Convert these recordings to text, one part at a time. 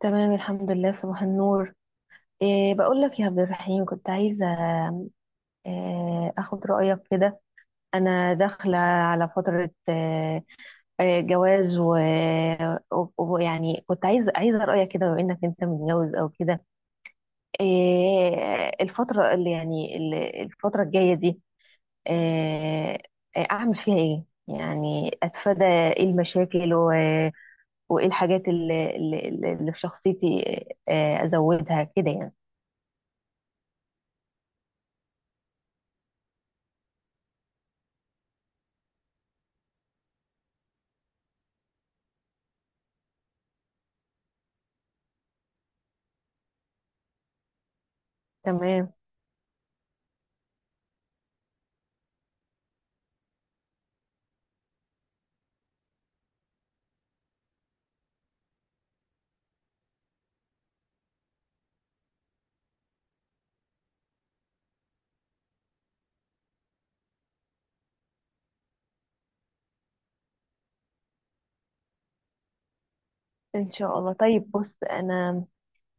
تمام الحمد لله، صباح النور. بقول لك يا عبد الرحيم، كنت عايزة أخد رأيك كده. أنا داخلة على فترة إيه إيه، جواز، ويعني كنت عايزة رأيك كده بما إنك أنت متجوز أو كده. الفترة الفترة الجاية دي إيه إيه، أعمل فيها إيه؟ يعني أتفادى المشاكل وإيه الحاجات اللي في شخصيتي إيه، إيه، أزودها كده يعني. تمام. ان شاء الله. طيب بص، انا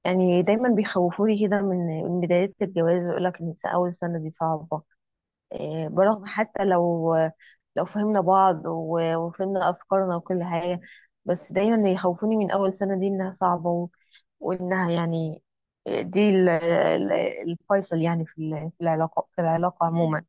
يعني دايما بيخوفوني كده من بداية الجواز، ويقول لك ان اول سنة دي صعبة. برغم حتى لو لو فهمنا بعض وفهمنا افكارنا وكل حاجة، بس دايما يخوفوني من اول سنة دي انها صعبة وانها دي الفيصل يعني في العلاقة، في العلاقة عموما.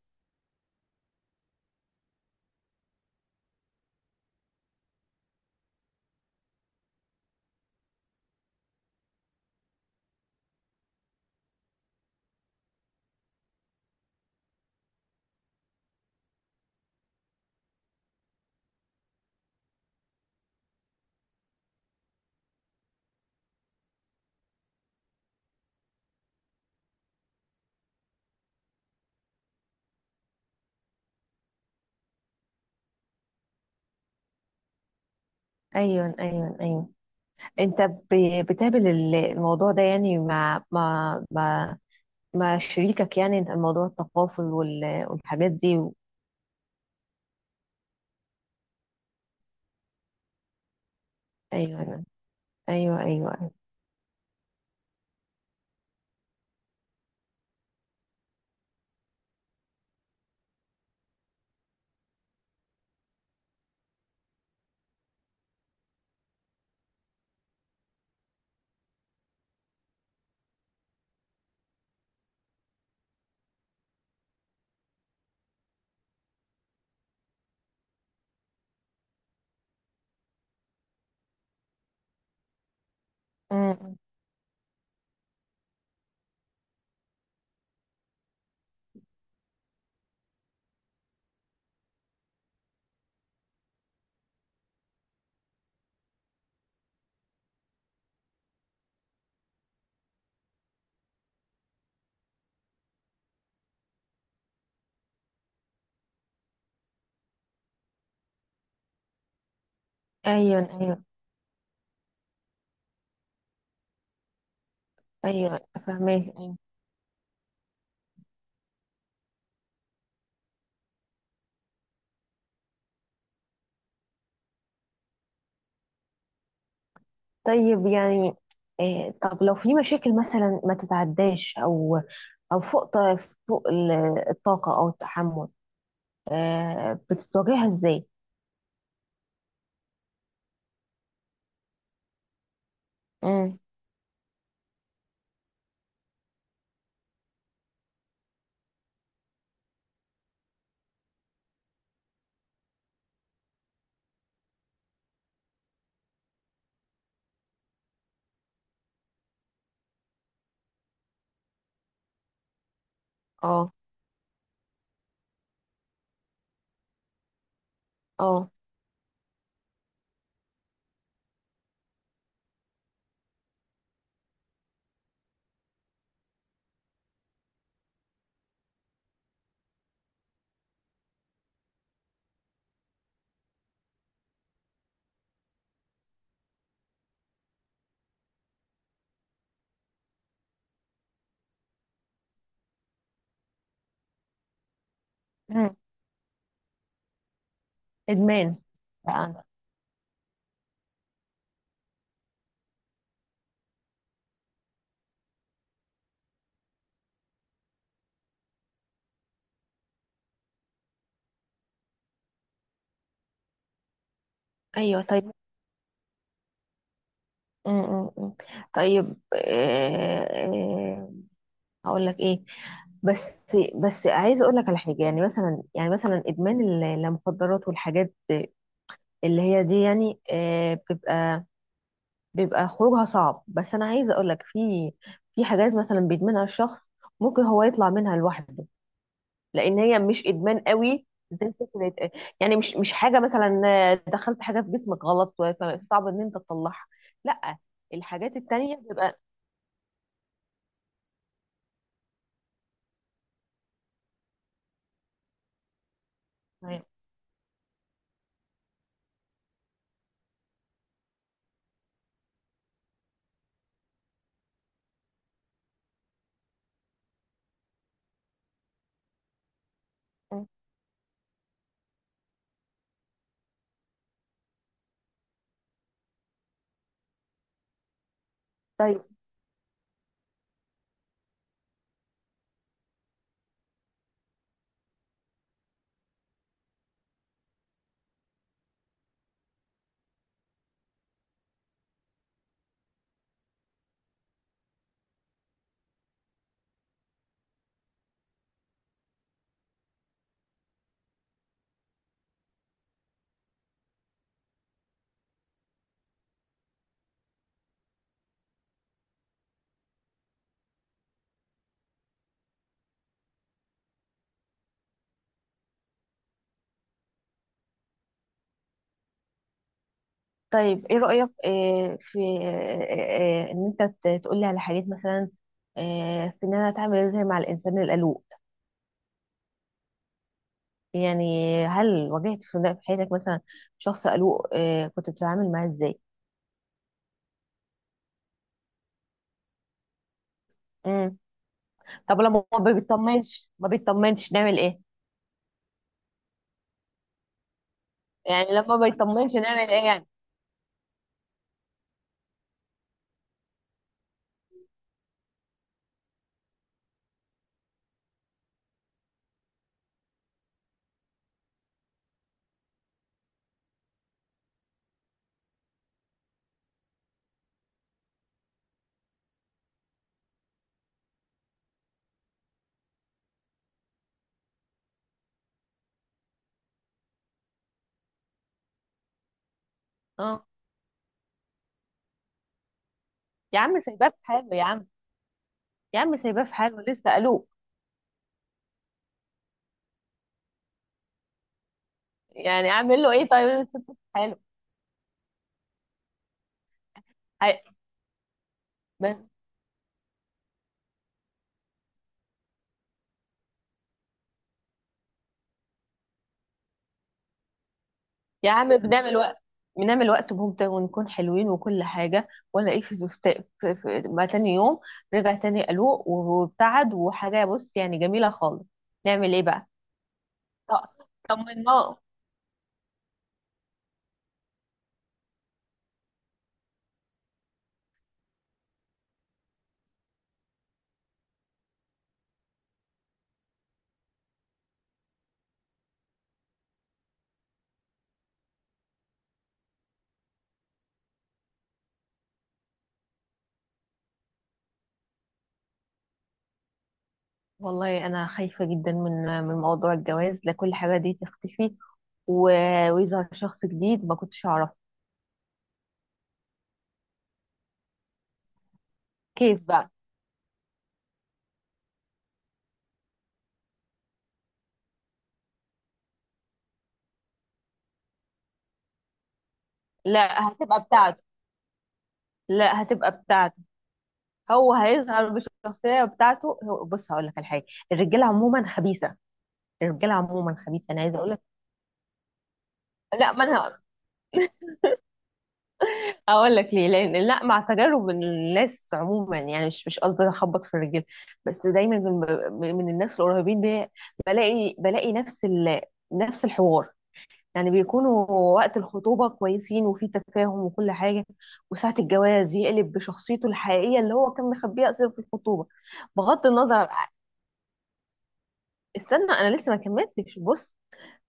ايوه، ايوه، ايوه. انت بتقابل الموضوع ده يعني مع مع شريكك يعني، الموضوع التقافل والحاجات دي ايوه، ايوه، ايوه، ايوه. أمم. ايوه، ايوه، ايوه. فاهمه. أيوة. طيب يعني طب لو في مشاكل مثلا ما تتعداش او او فوق فوق ال- الطاقه او التحمل، بتتواجهها ازاي؟ امم اه. اه. أمم. ادمان بقى عندك. ايوه طيب. أمم، أمم، أمم. طيب هقول لك ايه. بس بس عايزه اقول لك على حاجه، يعني مثلا يعني مثلا ادمان المخدرات والحاجات اللي هي دي يعني، بيبقى خروجها صعب، بس انا عايزه اقول لك في في حاجات مثلا بيدمنها الشخص ممكن هو يطلع منها لوحده، لان هي مش ادمان قوي زي فكره. يعني مش حاجه مثلا دخلت حاجه في جسمك غلط فصعب ان انت تطلعها. لا، الحاجات التانية بيبقى. طيب. طيب ايه رأيك في ان انت تقولي على حاجات مثلا في ان انا اتعامل ازاي مع الانسان القلوق. يعني هل واجهت في في حياتك مثلا شخص قلوق كنت بتتعامل معاه ازاي؟ امم طب لما هو ما بيطمنش نعمل ايه؟ يعني لما ما بيطمنش نعمل ايه يعني؟ اه. يا عم سايباه في حاله يا عم. يا عم سايباه في حاله لسه قلوق. يعني اعمل له ايه طيب لسه في حاله؟ هي- يا عم بنعمل وقت ممتع ونكون حلوين وكل حاجة، ولا ايه؟ في, في, في ما تاني يوم رجع تاني قلوق وابتعد وحاجة، بص يعني جميلة خالص، نعمل ايه بقى؟ آه، طمناه. والله انا خايفة جدا من موضوع الجواز، لكل حاجة دي تختفي ويظهر شخص جديد ما كنتش اعرفه. كيف بقى؟ لا هتبقى بتاعته لا هتبقى بتاعته، هو هيظهر بالشخصية بتاعته بص هقول لك على حاجة، الرجالة عموما خبيثة. الرجاله عموما خبيثه، انا عايزه اقول لك. لا ما انا هقول لك ليه، لان لا مع تجارب الناس عموما، يعني مش مش قصدي اخبط في الرجاله، بس دايما من الناس القريبين بي، بلاقي نفس الحوار. يعني بيكونوا وقت الخطوبه كويسين وفي تفاهم وكل حاجه، وساعه الجواز يقلب بشخصيته الحقيقيه اللي هو كان مخبيها اصلا في الخطوبه. بغض النظر عن- استنى انا لسه ما كملتش، بص.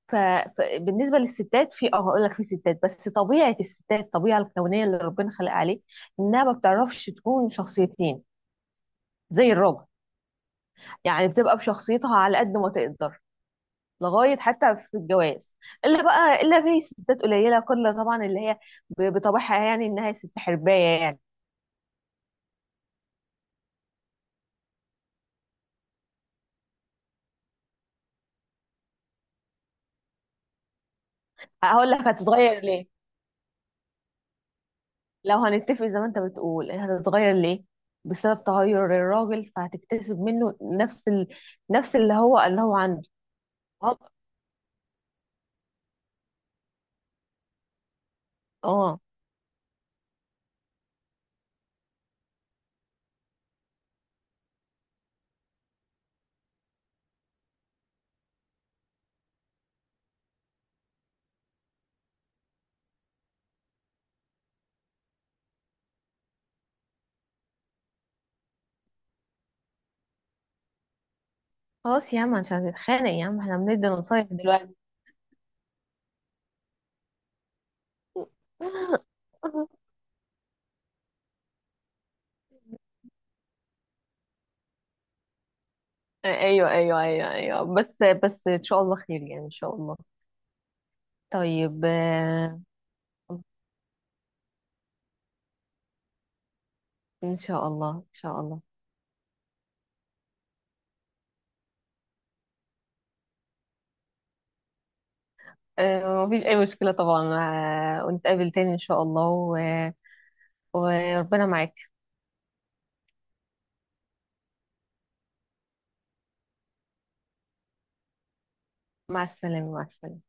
فبالنسبه للستات في اه، هقول لك في ستات بس طبيعه الستات الطبيعه الكونيه اللي ربنا خلقها عليه انها ما بتعرفش تكون شخصيتين زي الراجل. يعني بتبقى بشخصيتها على قد ما تقدر لغايه حتى في الجواز، الا بقى الا في ستات قليله كل، طبعا اللي هي بطبعها يعني انها ست حربايه يعني. هقول لك هتتغير ليه، لو هنتفق زي ما انت بتقول هتتغير ليه، بسبب تغير الراجل فهتكتسب منه نفس اللي هو عنده. اه. آه. خلاص يا عم عشان نتخانق يا عم، احنا بندي نصايح دلوقتي. ايوه، ايوه، ايوه، ايوه، بس ان شاء الله خير يعني ان شاء الله. طيب ان شاء الله، ان شاء الله. مفيش اي مشكلة طبعا. ونتقابل تاني ان شاء الله وربنا معاك. مع السلامة، مع السلامة.